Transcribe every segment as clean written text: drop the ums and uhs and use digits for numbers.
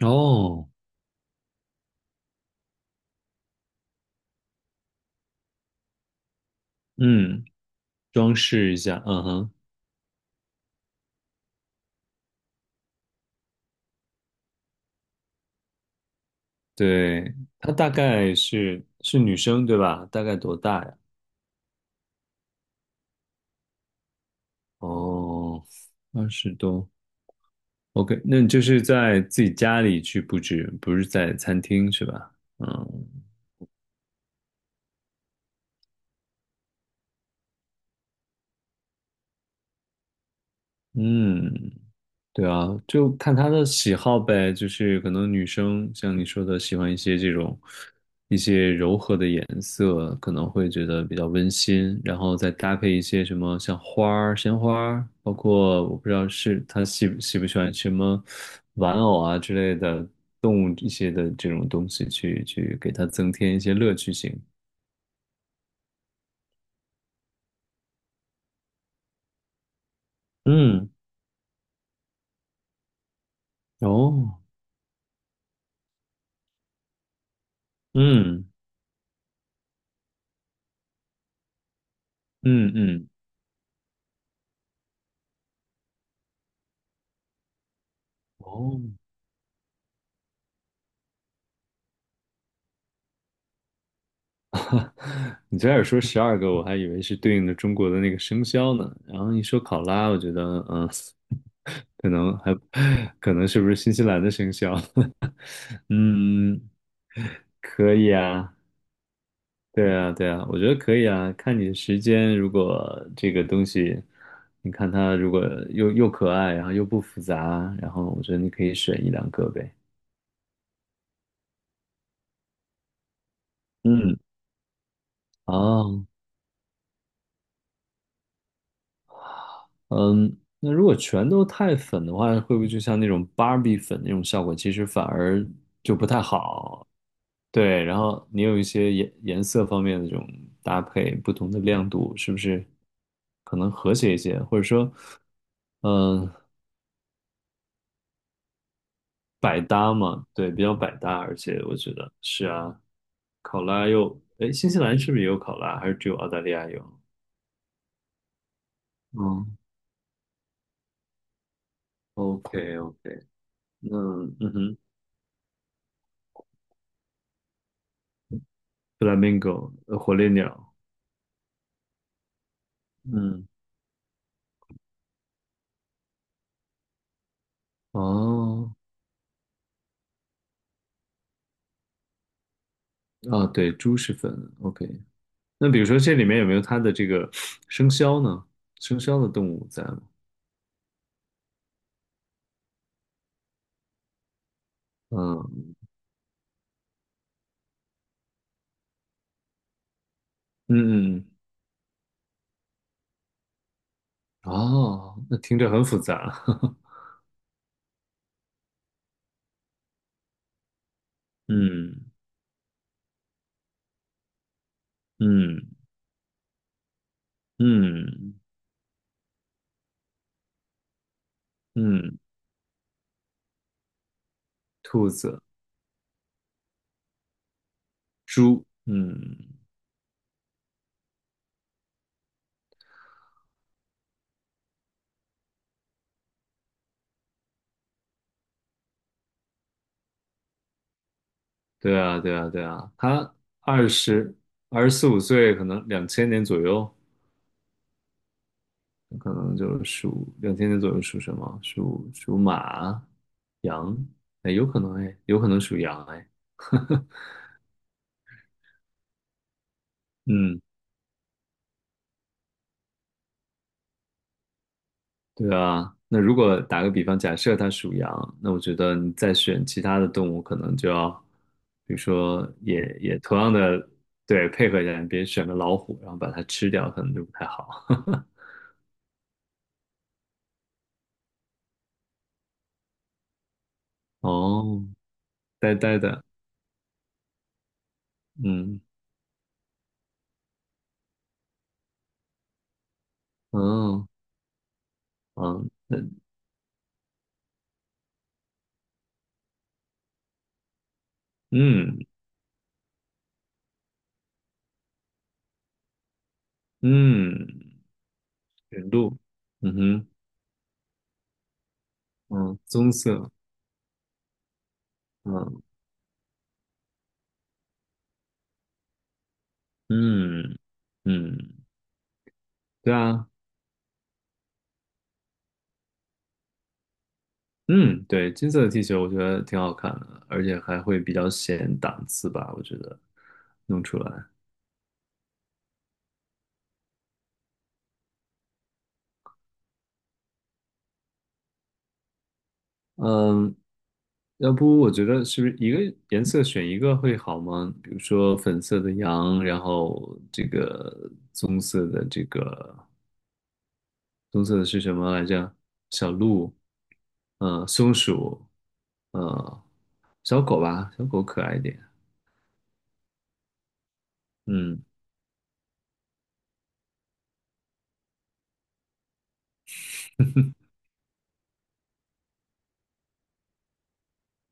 哦，嗯，装饰一下，嗯哼，对，她大概是女生对吧？大概多大呀？哦，20多，OK，那你就是在自己家里去布置，不是在餐厅是吧？嗯嗯，对啊，就看她的喜好呗，就是可能女生像你说的喜欢一些柔和的颜色，可能会觉得比较温馨，然后再搭配一些什么像花儿、鲜花儿，包括我不知道是她喜不喜欢什么玩偶啊之类的动物一些的这种东西去给她增添一些乐趣性。嗯，哦，嗯嗯嗯，哦。你最开始说12个，我还以为是对应的中国的那个生肖呢。然后一说考拉，我觉得，嗯，可能还，可能是不是新西兰的生肖？嗯，可以啊，对啊，对啊，我觉得可以啊。看你的时间，如果这个东西，你看它如果又可爱，然后又不复杂，然后我觉得你可以选一两个呗。嗯，哦，嗯，那如果全都太粉的话，会不会就像那种芭比粉那种效果，其实反而就不太好？对，然后你有一些颜色方面的这种搭配，不同的亮度，是不是可能和谐一些？或者说，嗯，百搭嘛，对，比较百搭，而且我觉得是啊，考拉又，哎，新西兰是不是也有考拉，还是只有澳大利亚有？嗯，OK OK，那嗯哼，flamingo，火烈鸟，嗯。哦，啊，对，猪是粉，OK。那比如说这里面有没有它的这个生肖呢？生肖的动物在吗？嗯嗯嗯，哦，那听着很复杂。嗯嗯嗯嗯，兔子、猪，嗯，对啊对啊对啊，它二十二十四五岁，可能两千年左右，可能就属两千年左右属什么？属马、羊，哎，有可能哎，有可能属羊哎。嗯对啊，那如果打个比方，假设它属羊，那我觉得你再选其他的动物，可能就要，比如说也同样的，对，配合一下，你别选个老虎，然后把它吃掉，可能就不太好。哦，呆呆的，嗯，哦，嗯，那嗯嗯，驯鹿，嗯哼，嗯，棕色，嗯嗯嗯，对啊，嗯，对，金色的 T 恤我觉得挺好看的，而且还会比较显档次吧，我觉得弄出来。嗯，要不我觉得是不是一个颜色选一个会好吗？比如说粉色的羊，然后这个棕色的是什么来着？小鹿，松鼠，呃，小狗吧，小狗可爱一点。嗯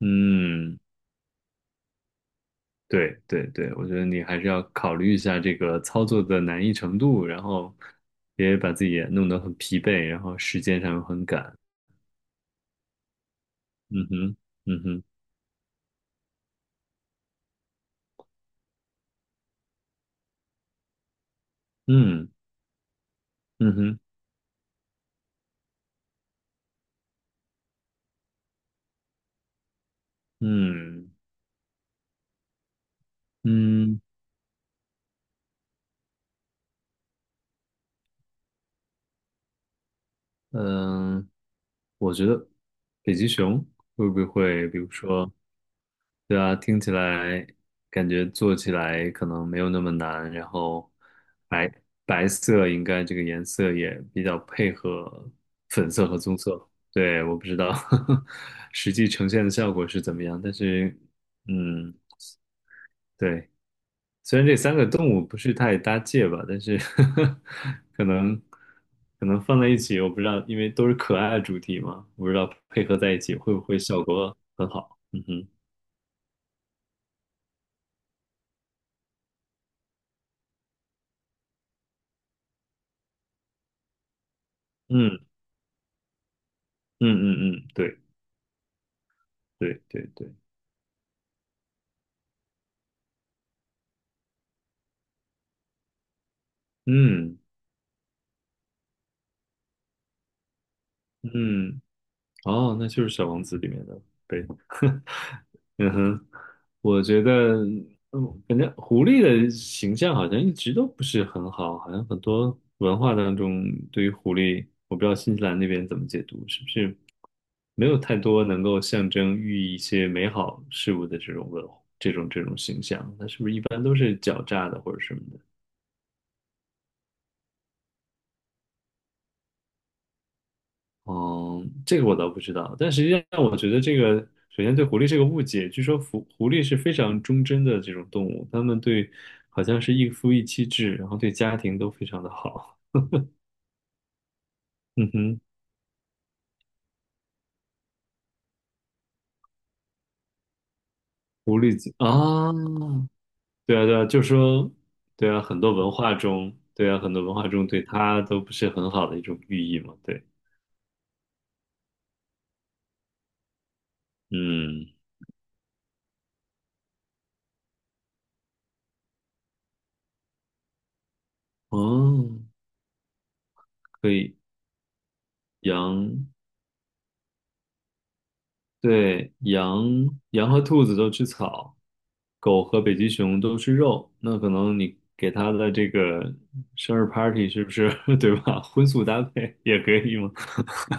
嗯，对对对，我觉得你还是要考虑一下这个操作的难易程度，然后别把自己也弄得很疲惫，然后时间上又很赶。嗯哼，嗯哼，嗯，嗯哼，嗯嗯嗯，我觉得北极熊会不会，比如说，对啊，听起来感觉做起来可能没有那么难，然后白白色应该这个颜色也比较配合粉色和棕色。对，我不知道 实际呈现的效果是怎么样，但是嗯，对，虽然这三个动物不是太搭界吧，但是 可能可能放在一起，我不知道，因为都是可爱的主题嘛，我不知道配合在一起会不会效果很好。嗯哼，嗯嗯嗯嗯，对。对对对，嗯嗯，哦，那就是《小王子》里面的贝。嗯哼，我觉得，嗯，感觉狐狸的形象好像一直都不是很好，好像很多文化当中对于狐狸，我不知道新西兰那边怎么解读，是不是没有太多能够象征寓意一些美好事物的这种形象？它是不是一般都是狡诈的或者什么的？嗯，这个我倒不知道，但实际上我觉得这个，首先对狐狸是个误解。据说狐狸是非常忠贞的这种动物，它们对好像是一夫一妻制，然后对家庭都非常的好。嗯哼，狐狸精啊，对啊对啊，就说对啊，很多文化中，对啊，很多文化中对它都不是很好的一种寓意嘛。对，嗯，哦，可以，羊。对，羊和兔子都吃草，狗和北极熊都吃肉。那可能你给它的这个生日 party 是不是 对吧？荤素搭配也可以吗？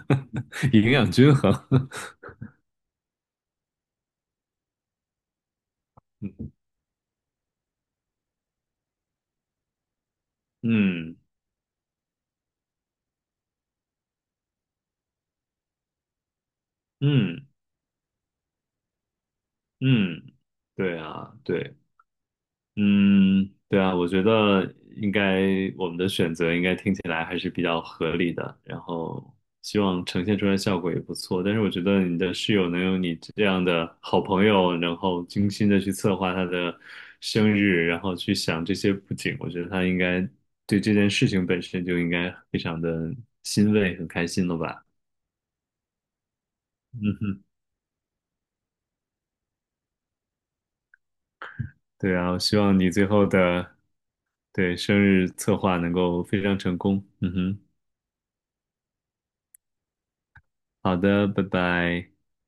营养均衡。嗯嗯嗯，对啊，对。嗯，对啊，我觉得应该我们的选择应该听起来还是比较合理的，然后希望呈现出来效果也不错。但是我觉得你的室友能有你这样的好朋友，然后精心的去策划他的生日，然后去想这些布景，我觉得他应该对这件事情本身就应该非常的欣慰，很开心了吧？嗯哼，对啊，我希望你最后的对生日策划能够非常成功。嗯哼。好的，拜拜。